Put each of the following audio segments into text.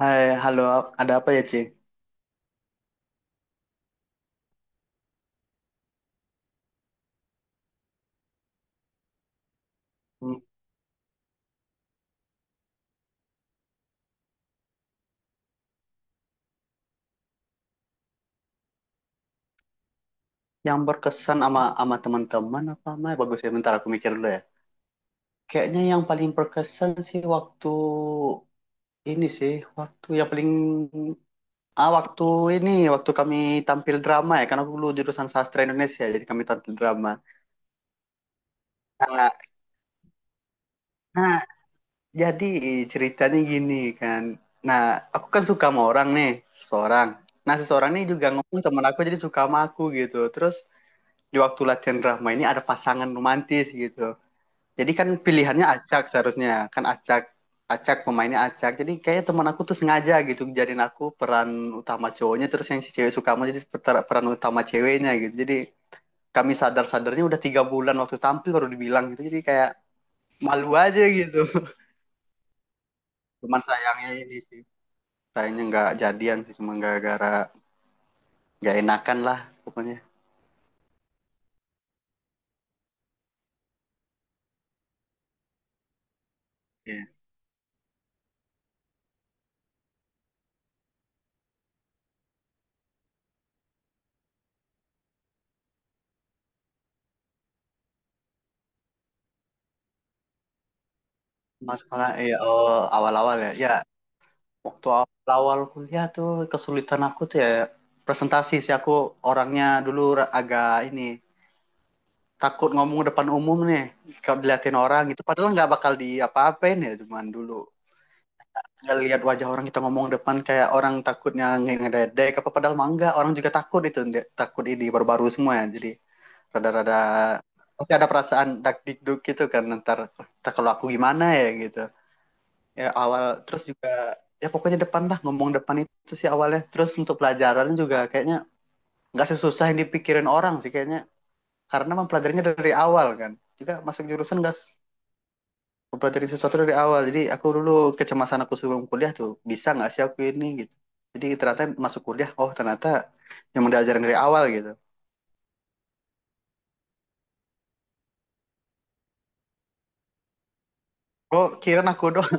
Hai, halo, ada apa ya, Ci? Hmm. Yang berkesan sama sama teman-teman apa sama bagus ya? Bentar aku mikir dulu ya. Kayaknya yang paling berkesan sih waktu ini sih, waktu yang paling waktu ini waktu kami tampil drama ya, karena aku dulu jurusan sastra Indonesia, jadi kami tampil drama. Nah, nah, jadi ceritanya gini kan. Nah, aku kan suka sama orang nih, seseorang. Nah, seseorang nih juga ngomong teman aku jadi suka sama aku gitu. Terus di waktu latihan drama ini ada pasangan romantis gitu. Jadi kan pilihannya acak, seharusnya kan acak acak pemainnya acak. Jadi kayaknya teman aku tuh sengaja gitu jadiin aku peran utama cowoknya, terus yang si cewek suka sama jadi peran utama ceweknya gitu. Jadi kami sadar-sadarnya udah 3 bulan, waktu tampil baru dibilang gitu. Jadi kayak malu aja gitu. Cuman sayangnya nggak jadian sih, cuma gara-gara nggak enakan lah pokoknya. Iya. Masalah ya, oh awal-awal ya. Ya, waktu awal kuliah tuh kesulitan aku tuh ya presentasi sih. Aku orangnya dulu agak ini takut ngomong depan umum nih kalau diliatin orang gitu, padahal nggak bakal di apa-apain ya. Cuman dulu nggak lihat wajah orang, kita ngomong depan kayak orang takutnya ngededek apa padahal mah enggak. Orang juga takut itu, takut ini, baru-baru semua ya, jadi rada-rada pasti ada perasaan dak dikduk gitu kan. Ntar, kalau aku gimana ya gitu ya awal. Terus juga ya pokoknya depan lah, ngomong depan itu sih awalnya. Terus untuk pelajaran juga kayaknya nggak sesusah yang dipikirin orang sih kayaknya, karena mempelajarinya dari awal kan, juga masuk jurusan nggak mempelajari sesuatu dari awal. Jadi aku dulu kecemasan aku sebelum kuliah tuh bisa nggak sih aku ini gitu. Jadi ternyata masuk kuliah oh ternyata yang diajarin dari awal gitu. Oh, kirain aku doang.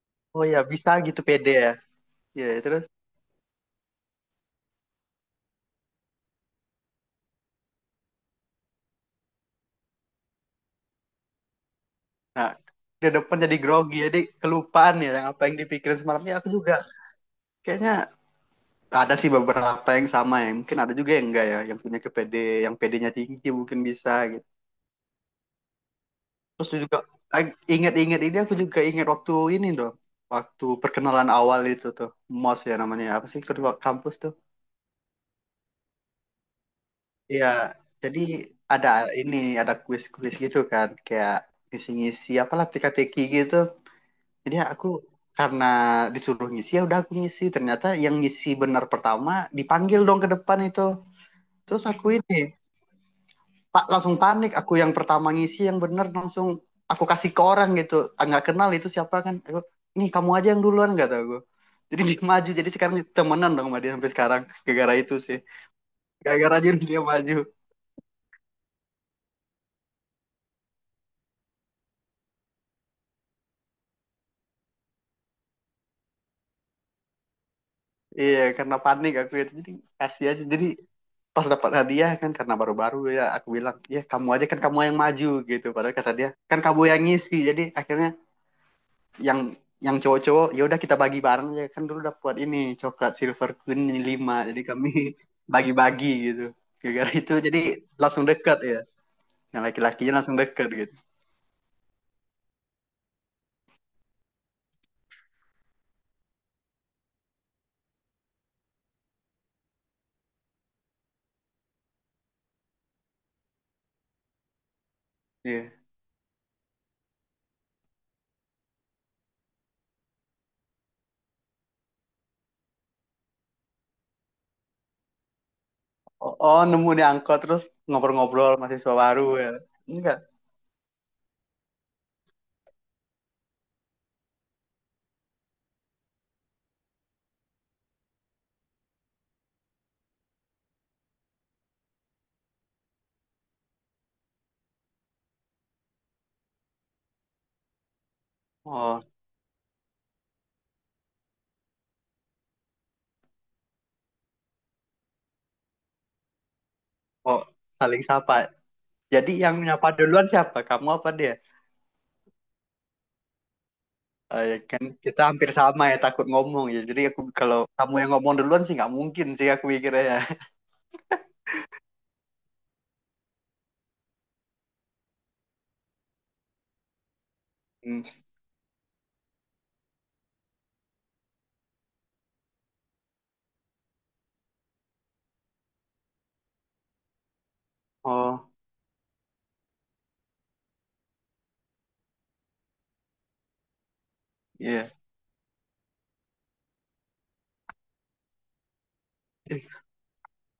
Oh ya, bisa gitu pede ya. Ya terus, nah di depan jadi grogi, jadi kelupaan ya yang apa yang dipikirin semalamnya, aku juga kayaknya. Ada sih beberapa yang sama ya. Mungkin ada juga yang enggak ya, yang punya ke PD, yang PD-nya tinggi mungkin bisa gitu. Terus juga eh, ingat-ingat ini aku juga ingat waktu ini tuh, waktu perkenalan awal itu tuh, MOS ya namanya. Apa sih kedua kampus tuh? Iya, jadi ada ini, ada kuis-kuis gitu kan, kayak ngisi-ngisi apalah teka-teki gitu. Jadi aku karena disuruh ngisi ya udah aku ngisi. Ternyata yang ngisi benar pertama dipanggil dong ke depan itu. Terus aku ini Pak langsung panik. Aku yang pertama ngisi yang bener langsung aku kasih ke orang gitu. Ah, nggak kenal itu siapa kan. Aku, nih kamu aja yang duluan kata gue. Jadi dia maju. Jadi sekarang temenan dong sama dia sampai sekarang. Gara-gara itu sih. Gara-gara aja dia maju. Iya karena panik aku itu. Jadi kasih aja. Jadi pas dapat hadiah kan, karena baru-baru ya aku bilang ya kamu aja kan kamu yang maju gitu, padahal kata dia kan kamu yang ngisi. Jadi akhirnya yang cowok-cowok ya udah kita bagi bareng ya kan. Dulu dapat ini coklat Silver Queen lima, jadi kami bagi-bagi gitu gara-gara itu. Jadi langsung dekat ya, yang laki-lakinya langsung dekat gitu. Iya. Oh, oh, nemu di angkot terus ngobrol-ngobrol mahasiswa baru ya? Enggak. Oh, oh, saling sapa, jadi yang nyapa duluan siapa, kamu apa dia? Eh, ya kan kita hampir sama ya takut ngomong ya, jadi aku kalau kamu yang ngomong duluan sih nggak mungkin sih, aku mikirnya ya. Oh iya, yeah.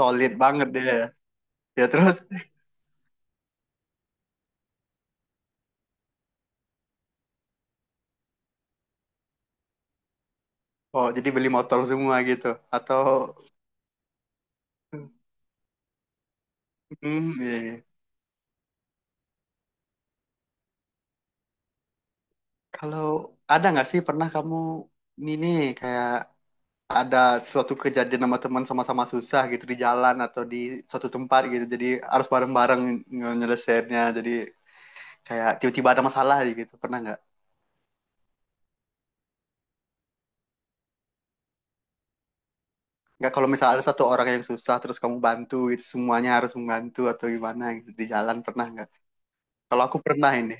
Solid banget dia. Ya terus, oh jadi beli motor semua gitu. Atau, hmm, iya, iya. Kalau ada nggak sih pernah kamu ini nih kayak ada suatu kejadian sama teman sama-sama susah gitu di jalan atau di suatu tempat gitu? Jadi harus bareng-bareng nyelesainnya. Jadi kayak tiba-tiba ada masalah aja gitu. Pernah nggak? Nggak, kalau misalnya ada satu orang yang susah terus kamu bantu gitu semuanya harus membantu atau gimana gitu di jalan, pernah nggak? Kalau aku pernah ini.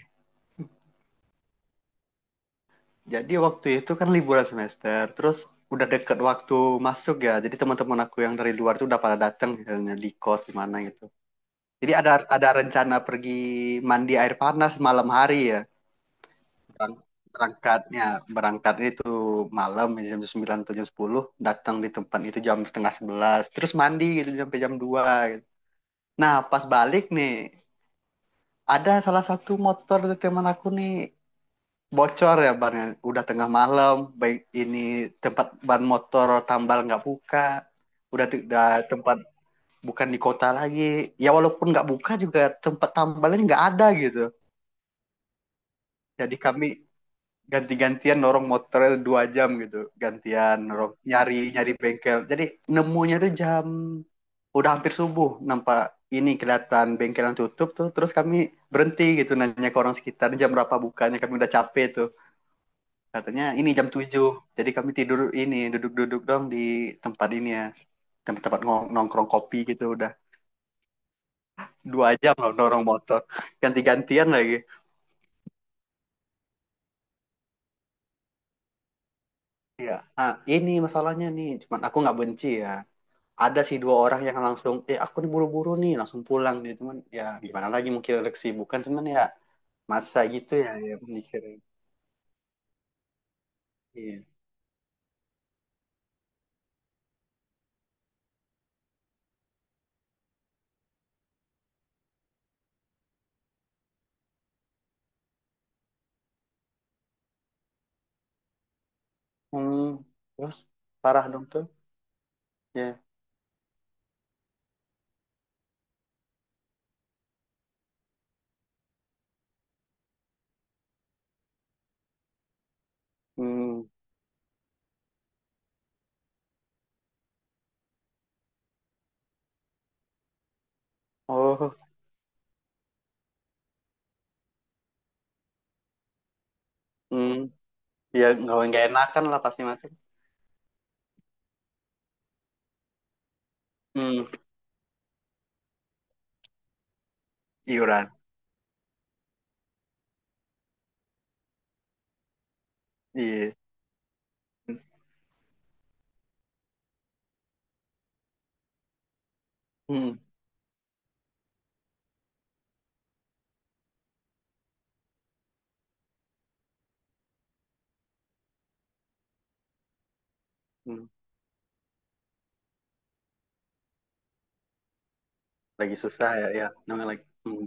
Jadi waktu itu kan liburan semester, terus udah deket waktu masuk ya. Jadi teman-teman aku yang dari luar tuh udah pada datang, misalnya di kos di mana gitu. Jadi ada rencana pergi mandi air panas malam hari ya. Berang- Berangkatnya berangkatnya itu malam ya, jam 9 atau jam 10, datang di tempat itu jam setengah sebelas, terus mandi gitu sampai jam 2 gitu. Nah, pas balik nih ada salah satu motor dari teman aku nih bocor ya bannya, udah tengah malam, baik ini tempat ban motor tambal nggak buka, udah tidak tempat bukan di kota lagi ya, walaupun nggak buka juga tempat tambalnya nggak ada gitu. Jadi kami ganti-gantian norong motornya 2 jam gitu, gantian norong nyari nyari bengkel. Jadi nemunya tuh jam udah hampir subuh, nampak ini kelihatan bengkel yang tutup tuh. Terus kami berhenti gitu nanya ke orang sekitar jam berapa bukanya, kami udah capek tuh. Katanya ini jam 7. Jadi kami tidur ini duduk-duduk dong di tempat ini ya. Tempat-tempat nongkrong kopi gitu udah 2 jam loh dorong motor. Ganti-gantian lagi. Iya. Ah, ini masalahnya nih. Cuman aku nggak benci ya. Ada sih dua orang yang langsung, eh aku nih buru-buru nih langsung pulang nih. Cuman ya gimana lagi mungkin ada kesibukan. Cuman ya masa gitu ya, ya mikirin. Iya. Hmm, terus parah dong tuh. Ya. Hmm. Oh. Hmm. Ya nggak enakan lah pasti macam. Hmm. Iuran. Iya. Hmm, hmm. Lagi susah ya, ya namanya lagi. Hmm,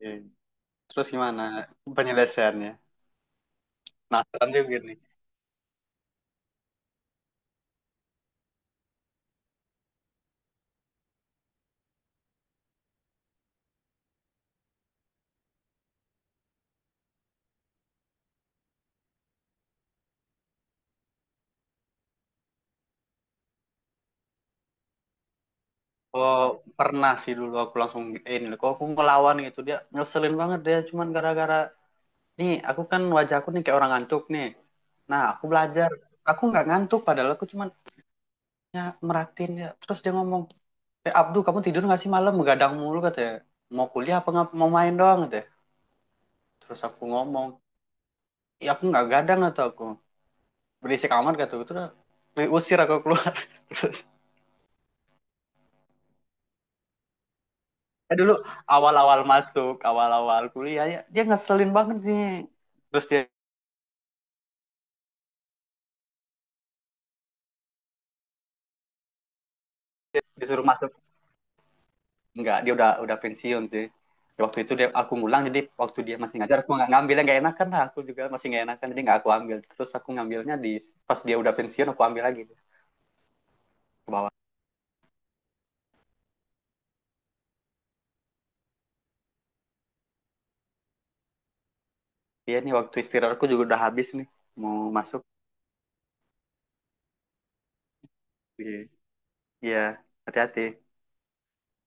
iya. Terus gimana penyelesaiannya, penasaran juga nih. Oh, pernah sih dulu aku langsung eh, ini kok aku ngelawan gitu, dia ngeselin banget dia, cuman gara-gara nih aku kan wajahku nih kayak orang ngantuk nih. Nah aku belajar aku nggak ngantuk, padahal aku cuman ya merhatiin ya. Terus dia ngomong, eh Abdu kamu tidur nggak sih malam begadang mulu katanya, mau kuliah apa nggak mau main doang katanya. Terus aku ngomong ya aku nggak gadang atau aku berisik amat gitu. Terus diusir aku keluar. Terus dulu awal-awal masuk awal-awal kuliah ya dia ngeselin banget nih. Terus dia, dia disuruh masuk enggak, dia udah pensiun sih. Ya, waktu itu dia aku ngulang, jadi waktu dia masih ngajar aku nggak ngambilnya nggak enakan lah aku juga masih nggak enakan, jadi nggak aku ambil. Terus aku ngambilnya di pas dia udah pensiun aku ambil lagi ke bawah. Dia nih waktu istirahat aku juga udah habis nih mau masuk. Iya, iya, hati-hati.